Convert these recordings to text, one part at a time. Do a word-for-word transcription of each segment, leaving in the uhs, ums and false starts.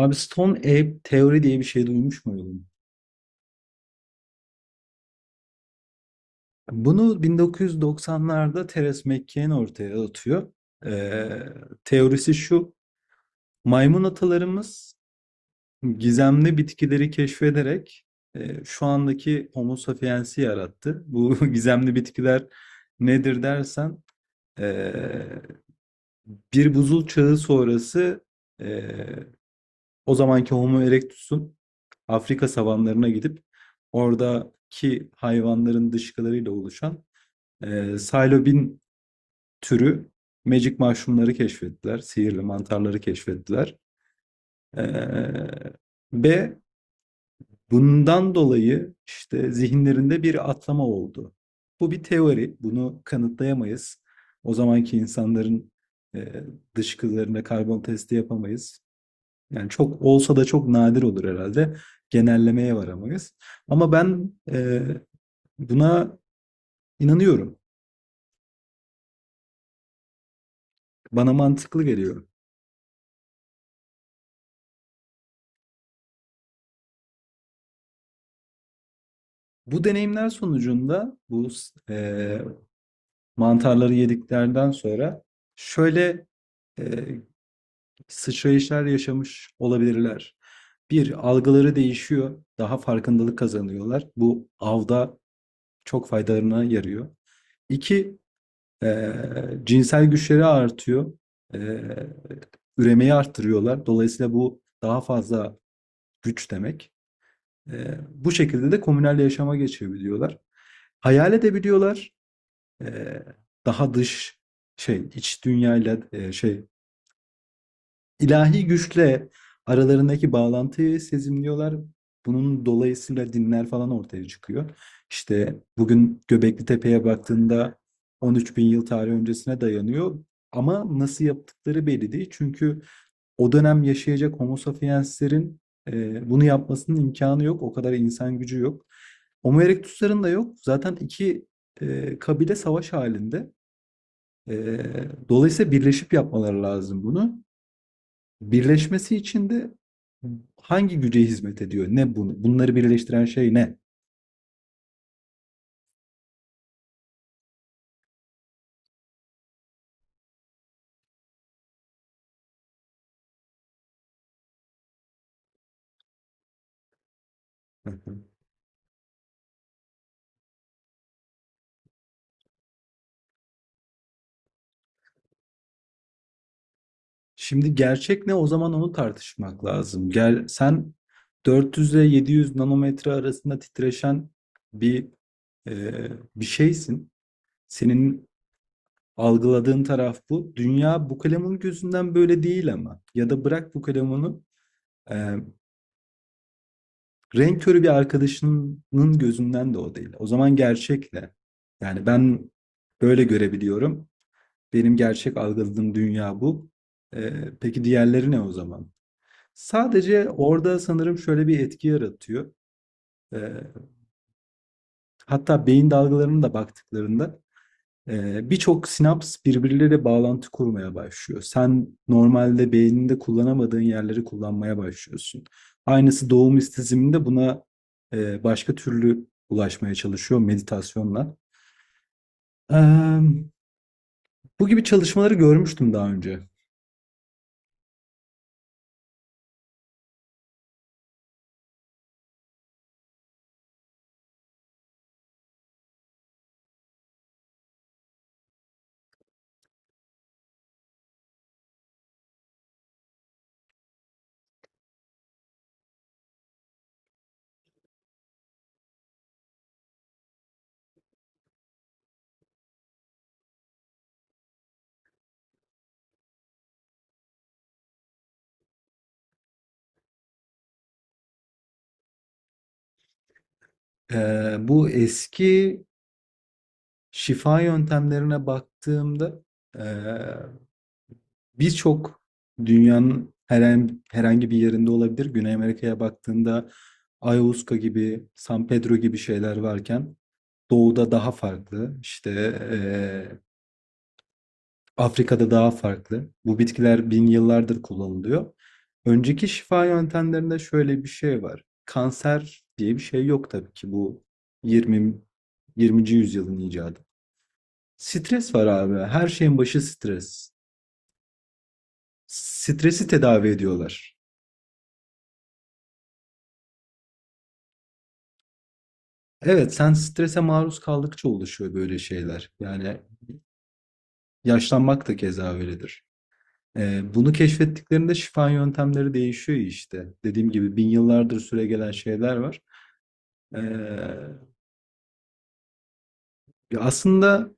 Abi Stone Ape teori diye bir şey duymuş muydun? Bunu bin dokuz yüz doksanlarda Teres McKean ortaya atıyor. Ee, Teorisi şu. Maymun atalarımız gizemli bitkileri keşfederek e, şu andaki Homo sapiens'i yarattı. Bu gizemli bitkiler nedir dersen e, bir buzul çağı sonrası e, o zamanki Homo erectus'un Afrika savanlarına gidip oradaki hayvanların dışkılarıyla oluşan e, Silobin türü magic mushroom'ları keşfettiler. Sihirli mantarları keşfettiler. E, Ve bundan dolayı işte zihinlerinde bir atlama oldu. Bu bir teori. Bunu kanıtlayamayız. O zamanki insanların e, dışkılarına karbon testi yapamayız. Yani çok olsa da çok nadir olur herhalde. Genellemeye varamayız. Ama ben e, buna inanıyorum. Bana mantıklı geliyor. Bu deneyimler sonucunda bu e, mantarları yediklerden sonra şöyle e, sıçrayışlar yaşamış olabilirler. Bir, algıları değişiyor. Daha farkındalık kazanıyorlar. Bu avda çok faydalarına yarıyor. İki, Ee, cinsel güçleri artıyor. Ee, üremeyi arttırıyorlar. Dolayısıyla bu daha fazla güç demek. Ee, bu şekilde de komünel yaşama geçebiliyorlar. Hayal edebiliyorlar. Ee, Daha dış şey iç dünyayla e, şey İlahi güçle aralarındaki bağlantıyı sezimliyorlar. Bunun dolayısıyla dinler falan ortaya çıkıyor. İşte bugün Göbekli Tepe'ye baktığında on üç bin yıl tarih öncesine dayanıyor. Ama nasıl yaptıkları belli değil. Çünkü o dönem yaşayacak Homo sapienslerin e, bunu yapmasının imkanı yok. O kadar insan gücü yok. Homo erectus'ların da yok. Zaten iki e, kabile savaş halinde. E, Dolayısıyla birleşip yapmaları lazım bunu. Birleşmesi için de hangi güce hizmet ediyor? Ne bunu? Bunları birleştiren şey ne? Hı hı. Şimdi gerçek ne? O zaman onu tartışmak lazım. Gel, sen dört yüz ile yedi yüz nanometre arasında titreşen bir e, bir şeysin. Senin algıladığın taraf bu. Dünya bu kalemun gözünden böyle değil ama. Ya da bırak bu kalemunu e, renk körü bir arkadaşının gözünden de o değil. O zaman gerçekle. Yani ben böyle görebiliyorum. Benim gerçek algıladığım dünya bu. E, peki diğerleri ne o zaman? Sadece orada sanırım şöyle bir etki yaratıyor. E, Hatta beyin dalgalarına da baktıklarında Ee, birçok sinaps birbirleriyle bağlantı kurmaya başlıyor. Sen normalde beyninde kullanamadığın yerleri kullanmaya başlıyorsun. Aynısı doğum istizminde buna e, başka türlü ulaşmaya çalışıyor meditasyonla. Ee, Bu gibi çalışmaları görmüştüm daha önce. Ee, bu eski şifa yöntemlerine baktığımda e, birçok dünyanın heren- herhangi bir yerinde olabilir. Güney Amerika'ya baktığında Ayahuasca gibi, San Pedro gibi şeyler varken doğuda daha farklı. İşte eee, Afrika'da daha farklı. Bu bitkiler bin yıllardır kullanılıyor. Önceki şifa yöntemlerinde şöyle bir şey var. Kanser diye bir şey yok tabii ki bu yirmi yirminci yüzyılın icadı. Stres var abi. Her şeyin başı stres. Stresi tedavi ediyorlar. Evet, sen strese maruz kaldıkça oluşuyor böyle şeyler. Yani yaşlanmak da keza öyledir. Ee, bunu keşfettiklerinde şifa yöntemleri değişiyor işte. Dediğim gibi bin yıllardır süregelen şeyler var. Ee, Ya aslında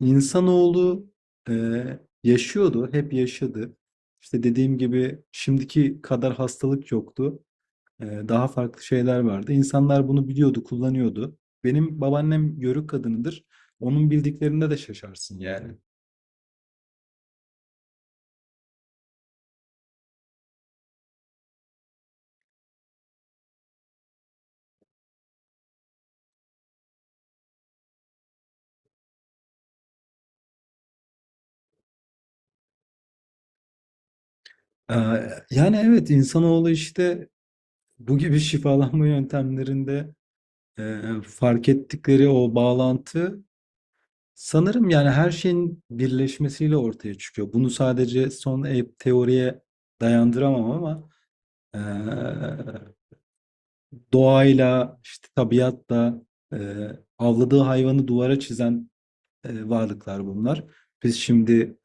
insanoğlu e, yaşıyordu, hep yaşadı. İşte dediğim gibi şimdiki kadar hastalık yoktu. Ee, daha farklı şeyler vardı. İnsanlar bunu biliyordu, kullanıyordu. Benim babaannem Yörük kadınıdır. Onun bildiklerinde de şaşarsın yani. Ee, Yani evet insanoğlu işte bu gibi şifalanma yöntemlerinde e, fark ettikleri o bağlantı sanırım yani her şeyin birleşmesiyle ortaya çıkıyor. Bunu sadece son e- teoriye dayandıramam ama e, doğayla işte tabiatla e, avladığı hayvanı duvara çizen e, varlıklar bunlar. Biz şimdi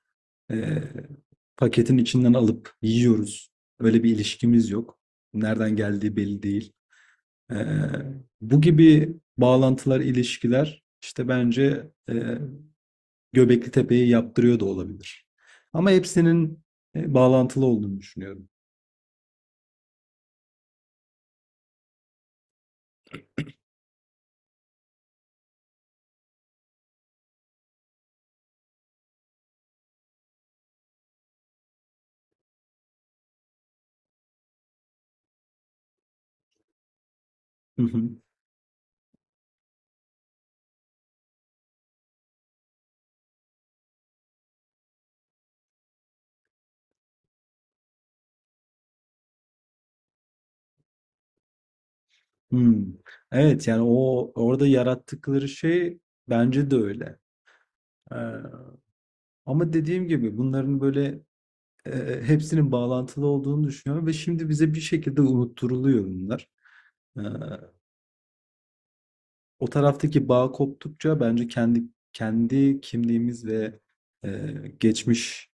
Ee, paketin içinden alıp yiyoruz. Öyle bir ilişkimiz yok. Nereden geldiği belli değil. Ee, Bu gibi bağlantılar, ilişkiler işte bence e, Göbekli Tepe'yi yaptırıyor da olabilir. Ama hepsinin e, bağlantılı olduğunu düşünüyorum. Hı hı. Hmm. Evet yani o orada yarattıkları şey bence de öyle. Ee, Ama dediğim gibi bunların böyle e, hepsinin bağlantılı olduğunu düşünüyorum ve şimdi bize bir şekilde unutturuluyor bunlar. E, O taraftaki bağ koptukça bence kendi kendi kimliğimiz ve e, geçmiş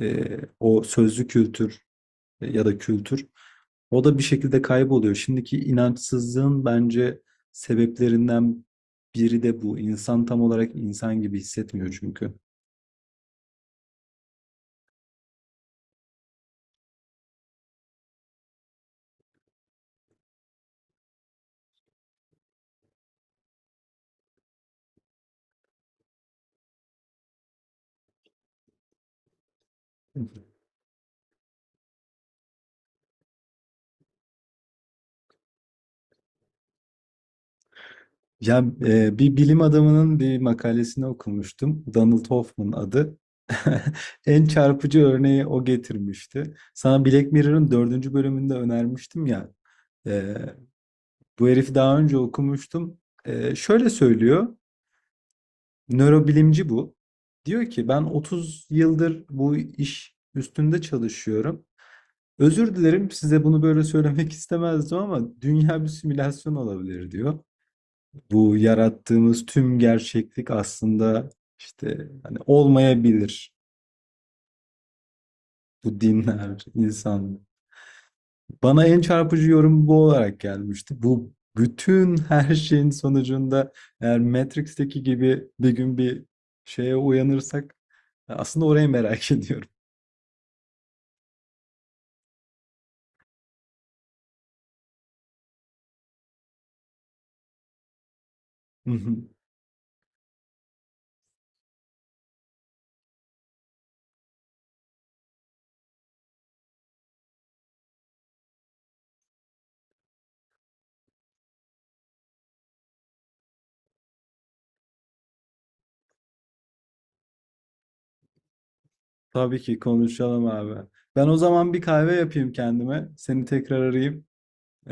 e, o sözlü kültür e, ya da kültür o da bir şekilde kayboluyor. Şimdiki inançsızlığın bence sebeplerinden biri de bu. İnsan tam olarak insan gibi hissetmiyor çünkü. Ya e, bir bilim adamının bir makalesini okumuştum. Donald Hoffman adı. En çarpıcı örneği o getirmişti. Sana Black Mirror'ın dördüncü bölümünde önermiştim ya. E, Bu herifi daha önce okumuştum. E, şöyle söylüyor. Nörobilimci bu. Diyor ki ben otuz yıldır bu iş üstünde çalışıyorum. Özür dilerim size bunu böyle söylemek istemezdim ama dünya bir simülasyon olabilir diyor. Bu yarattığımız tüm gerçeklik aslında işte hani olmayabilir bu dinler, insan. Bana en çarpıcı yorum bu olarak gelmişti. Bu bütün her şeyin sonucunda eğer Matrix'teki gibi bir gün bir şeye uyanırsak e, aslında orayı merak ediyorum. Tabii ki konuşalım abi. Ben o zaman bir kahve yapayım kendime. Seni tekrar arayayım. Ee,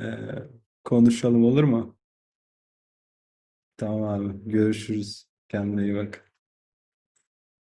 Konuşalım olur mu? Tamam abi. Görüşürüz. Kendine iyi bak.